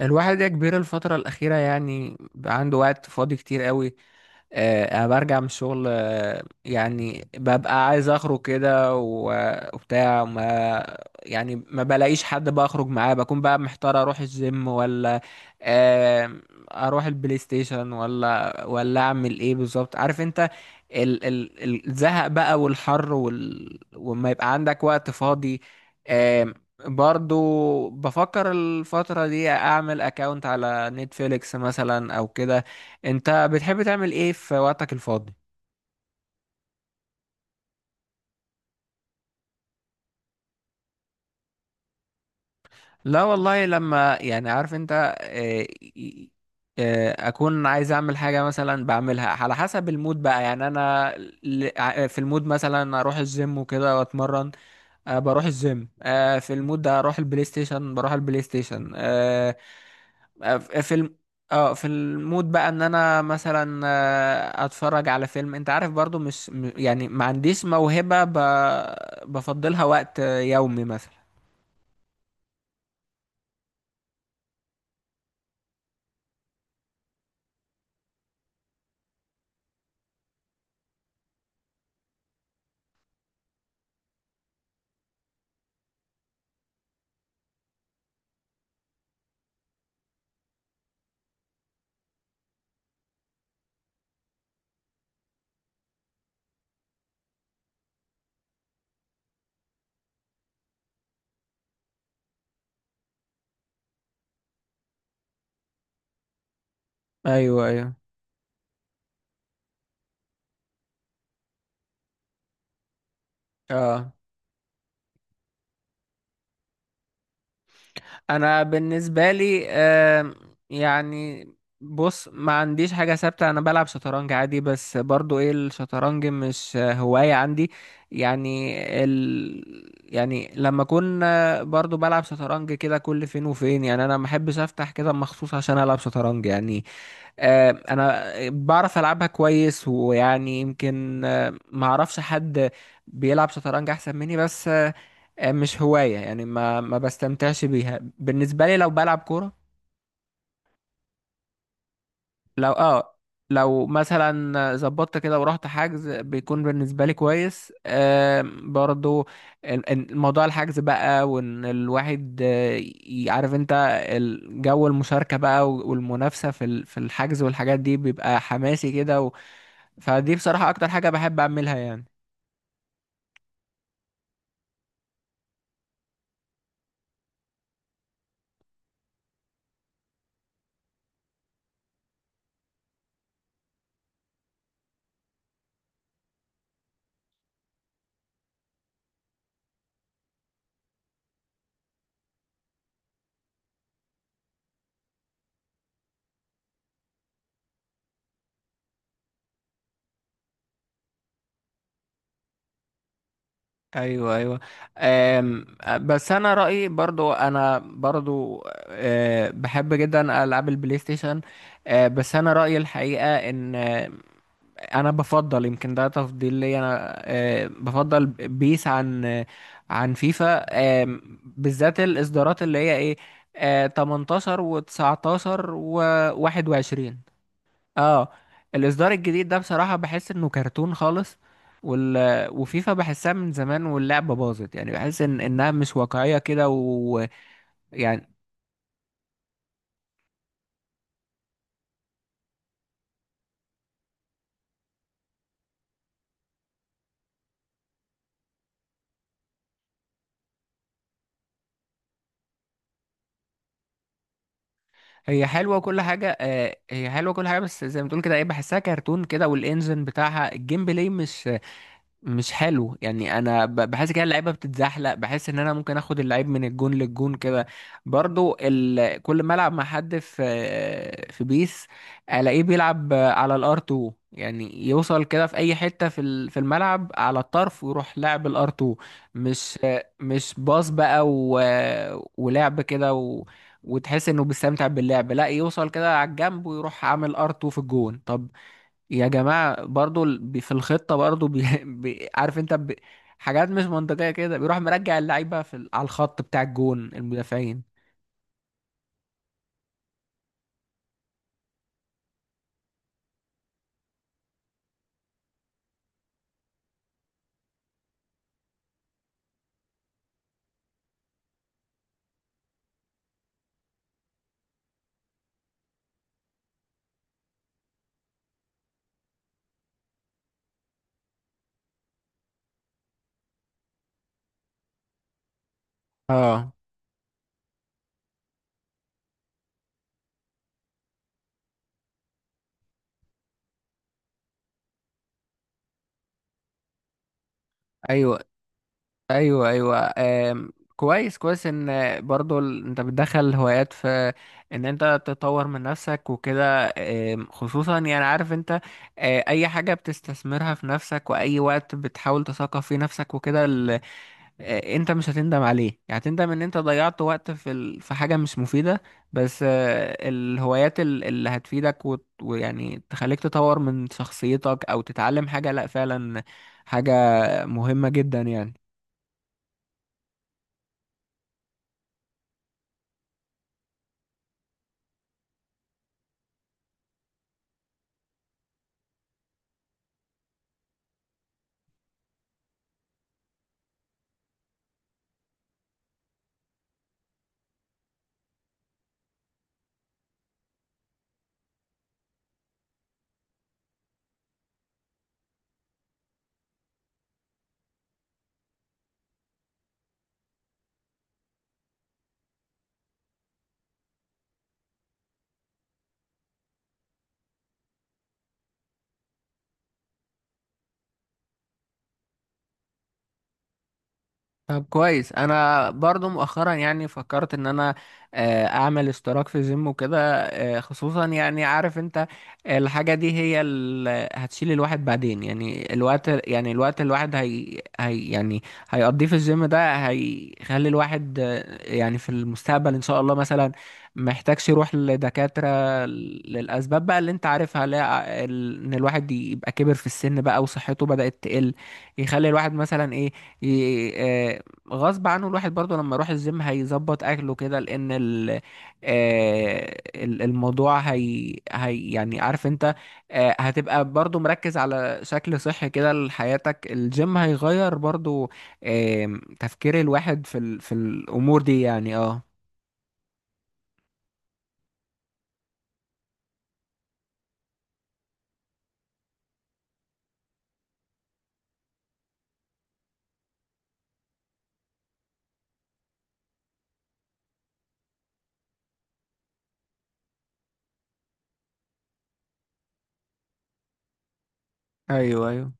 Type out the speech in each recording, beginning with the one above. الواحد يا كبير الفترة الأخيرة يعني بقى عنده وقت فاضي كتير قوي. أنا برجع من الشغل، يعني ببقى عايز أخرج كده وبتاع ما يعني، ما بلاقيش حد بقى أخرج معاه، بكون بقى محتار أروح الجيم ولا آه، أروح البلاي ستيشن، ولا أعمل إيه بالظبط، عارف أنت. ال ال الزهق بقى والحر، وما يبقى عندك وقت فاضي. برضو بفكر الفترة دي اعمل اكاونت على نتفليكس مثلا او كده. انت بتحب تعمل ايه في وقتك الفاضي؟ لا والله، لما، يعني عارف انت، آه، ي- اكون عايز اعمل حاجة مثلا بعملها على حسب المود بقى، يعني انا في المود مثلا اروح الجيم وكده واتمرن. بروح الجيم. في المود ده اروح البلاي ستيشن، بروح البلاي ستيشن. في الم... اه في المود بقى ان انا مثلا اتفرج على فيلم، انت عارف، برضو مش يعني ما عنديش موهبة بفضلها وقت يومي مثلا. ايوه، ايوه. اه، انا بالنسبه لي، يعني، بص ما عنديش حاجه ثابته، انا بلعب شطرنج عادي بس، برضو ايه، الشطرنج مش هوايه عندي، يعني يعني لما اكون برضو بلعب شطرنج كده كل فين وفين، يعني انا ما احبش افتح كده مخصوص عشان العب شطرنج يعني. انا بعرف العبها كويس، ويعني يمكن ما اعرفش حد بيلعب شطرنج احسن مني، بس مش هواية يعني، ما بستمتعش بيها، بالنسبة لي لو بلعب كورة. لو اه، لو مثلا ظبطت كده ورحت حجز بيكون بالنسبة لي كويس، برضو موضوع الحجز بقى، وان الواحد، عارف انت، الجو المشاركة بقى والمنافسة في الحجز والحاجات دي بيبقى حماسي كده. فدي بصراحة أكتر حاجة بحب أعملها يعني. أيوه، أيوه. أم بس أنا رأيي، برضو، أنا برضو أه بحب جدا ألعاب البلاي ستيشن. أه بس أنا رأيي الحقيقة إن أنا بفضل، يمكن ده تفضيل لي أنا، أه بفضل بيس عن عن فيفا، أه، بالذات الإصدارات اللي هي إيه، أه 18 و19 و21. اه، الاصدار الجديد ده بصراحة بحس انه كرتون خالص، وال... وفيفا بحسها من زمان واللعبة باظت، يعني بحس ان انها مش واقعية كده، ويعني هي حلوة وكل حاجة، آه هي حلوة كل حاجة، بس زي ما تقول كده، ايه بحسها كرتون كده، والانجن بتاعها، الجيم بلاي مش حلو يعني، انا بحس كده اللعيبه بتتزحلق، بحس ان انا ممكن اخد اللعيب من الجون للجون كده. برضو كل ما العب مع حد في بيس، الاقيه بيلعب على الار 2، يعني يوصل كده في اي حته في الملعب على الطرف، ويروح لاعب الار 2، مش مش باص بقى ولعب كده وتحس انه بيستمتع باللعب، لا يوصل كده على الجنب ويروح عامل ار 2 في الجون. طب يا جماعة، برضو في الخطة، برضو عارف انت، حاجات مش منطقية كده، بيروح مرجع اللعيبة على الخط بتاع الجون المدافعين. اه، ايوه، ايوه، ايوه، كويس، كويس، ان برضو انت بتدخل هوايات في ان انت تطور من نفسك وكده، خصوصا يعني عارف انت، اي حاجة بتستثمرها في نفسك، واي وقت بتحاول تثقف فيه نفسك وكده، انت مش هتندم عليه، يعني هتندم ان انت ضيعت وقت في حاجة مش مفيدة. بس الهوايات اللي هتفيدك ويعني تخليك تطور من شخصيتك او تتعلم حاجة، لا فعلا حاجة مهمة جدا يعني. طب كويس، انا برضو مؤخرا يعني فكرت ان انا اعمل اشتراك في جيم وكده، خصوصا يعني عارف انت، الحاجة دي هي اللي هتشيل الواحد بعدين، يعني الوقت، يعني الوقت الواحد هي يعني هيقضيه في الجيم ده، هيخلي الواحد يعني في المستقبل ان شاء الله مثلا محتاجش يروح لدكاترة للأسباب بقى اللي انت عارفها. لا ان الواحد يبقى كبر في السن بقى وصحته بدأت تقل، يخلي الواحد مثلا ايه، غصب عنه الواحد برضه لما يروح الجيم هيظبط اكله كده، لان الموضوع هي يعني عارف انت، هتبقى برضه مركز على شكل صحي كده لحياتك، الجيم هيغير برضه تفكير الواحد في الامور دي يعني، اه. ايوه، ايوه.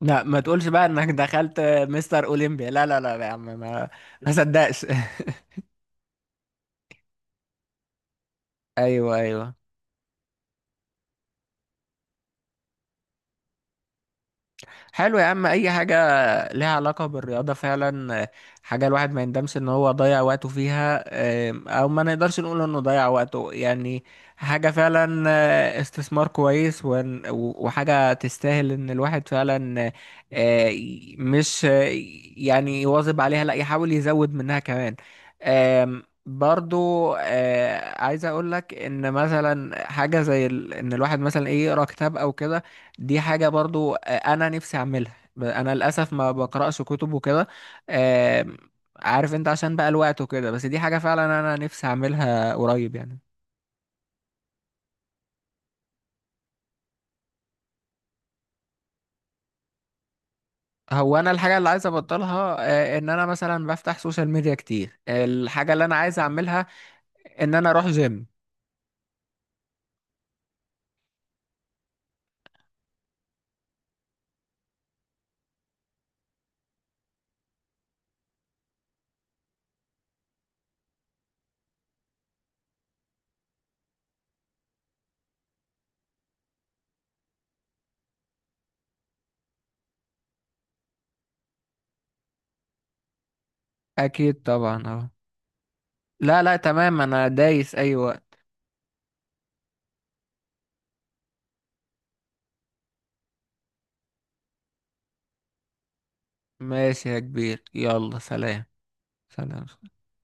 لا ما تقولش بقى انك دخلت مستر اولمبيا، لا لا لا يا عم، ما صدقش. ايوه، ايوه. حلو يا عم، اي حاجه لها علاقه بالرياضه فعلا، حاجه الواحد ما يندمش ان هو ضيع وقته فيها، او ما نقدرش نقول انه ضيع وقته يعني، حاجه فعلا استثمار كويس، وحاجه تستاهل ان الواحد فعلا مش آه، يعني يواظب عليها، لا يحاول يزود منها كمان. برضو عايز اقول لك ان مثلا حاجه زي ان الواحد مثلا ايه، يقرا كتاب او كده، دي حاجة برضو أنا نفسي أعملها، أنا للأسف ما بقرأش كتب وكده، آم، عارف أنت عشان بقى الوقت وكده، بس دي حاجة فعلا أنا نفسي أعملها قريب يعني. هو أنا الحاجة اللي عايز أبطلها إن أنا مثلا بفتح سوشيال ميديا كتير. الحاجة اللي أنا عايز أعملها إن أنا أروح جيم. أكيد طبعا، أه. لا لا، تمام، أنا دايس أي وقت. ماشي يا كبير، يلا سلام. سلام.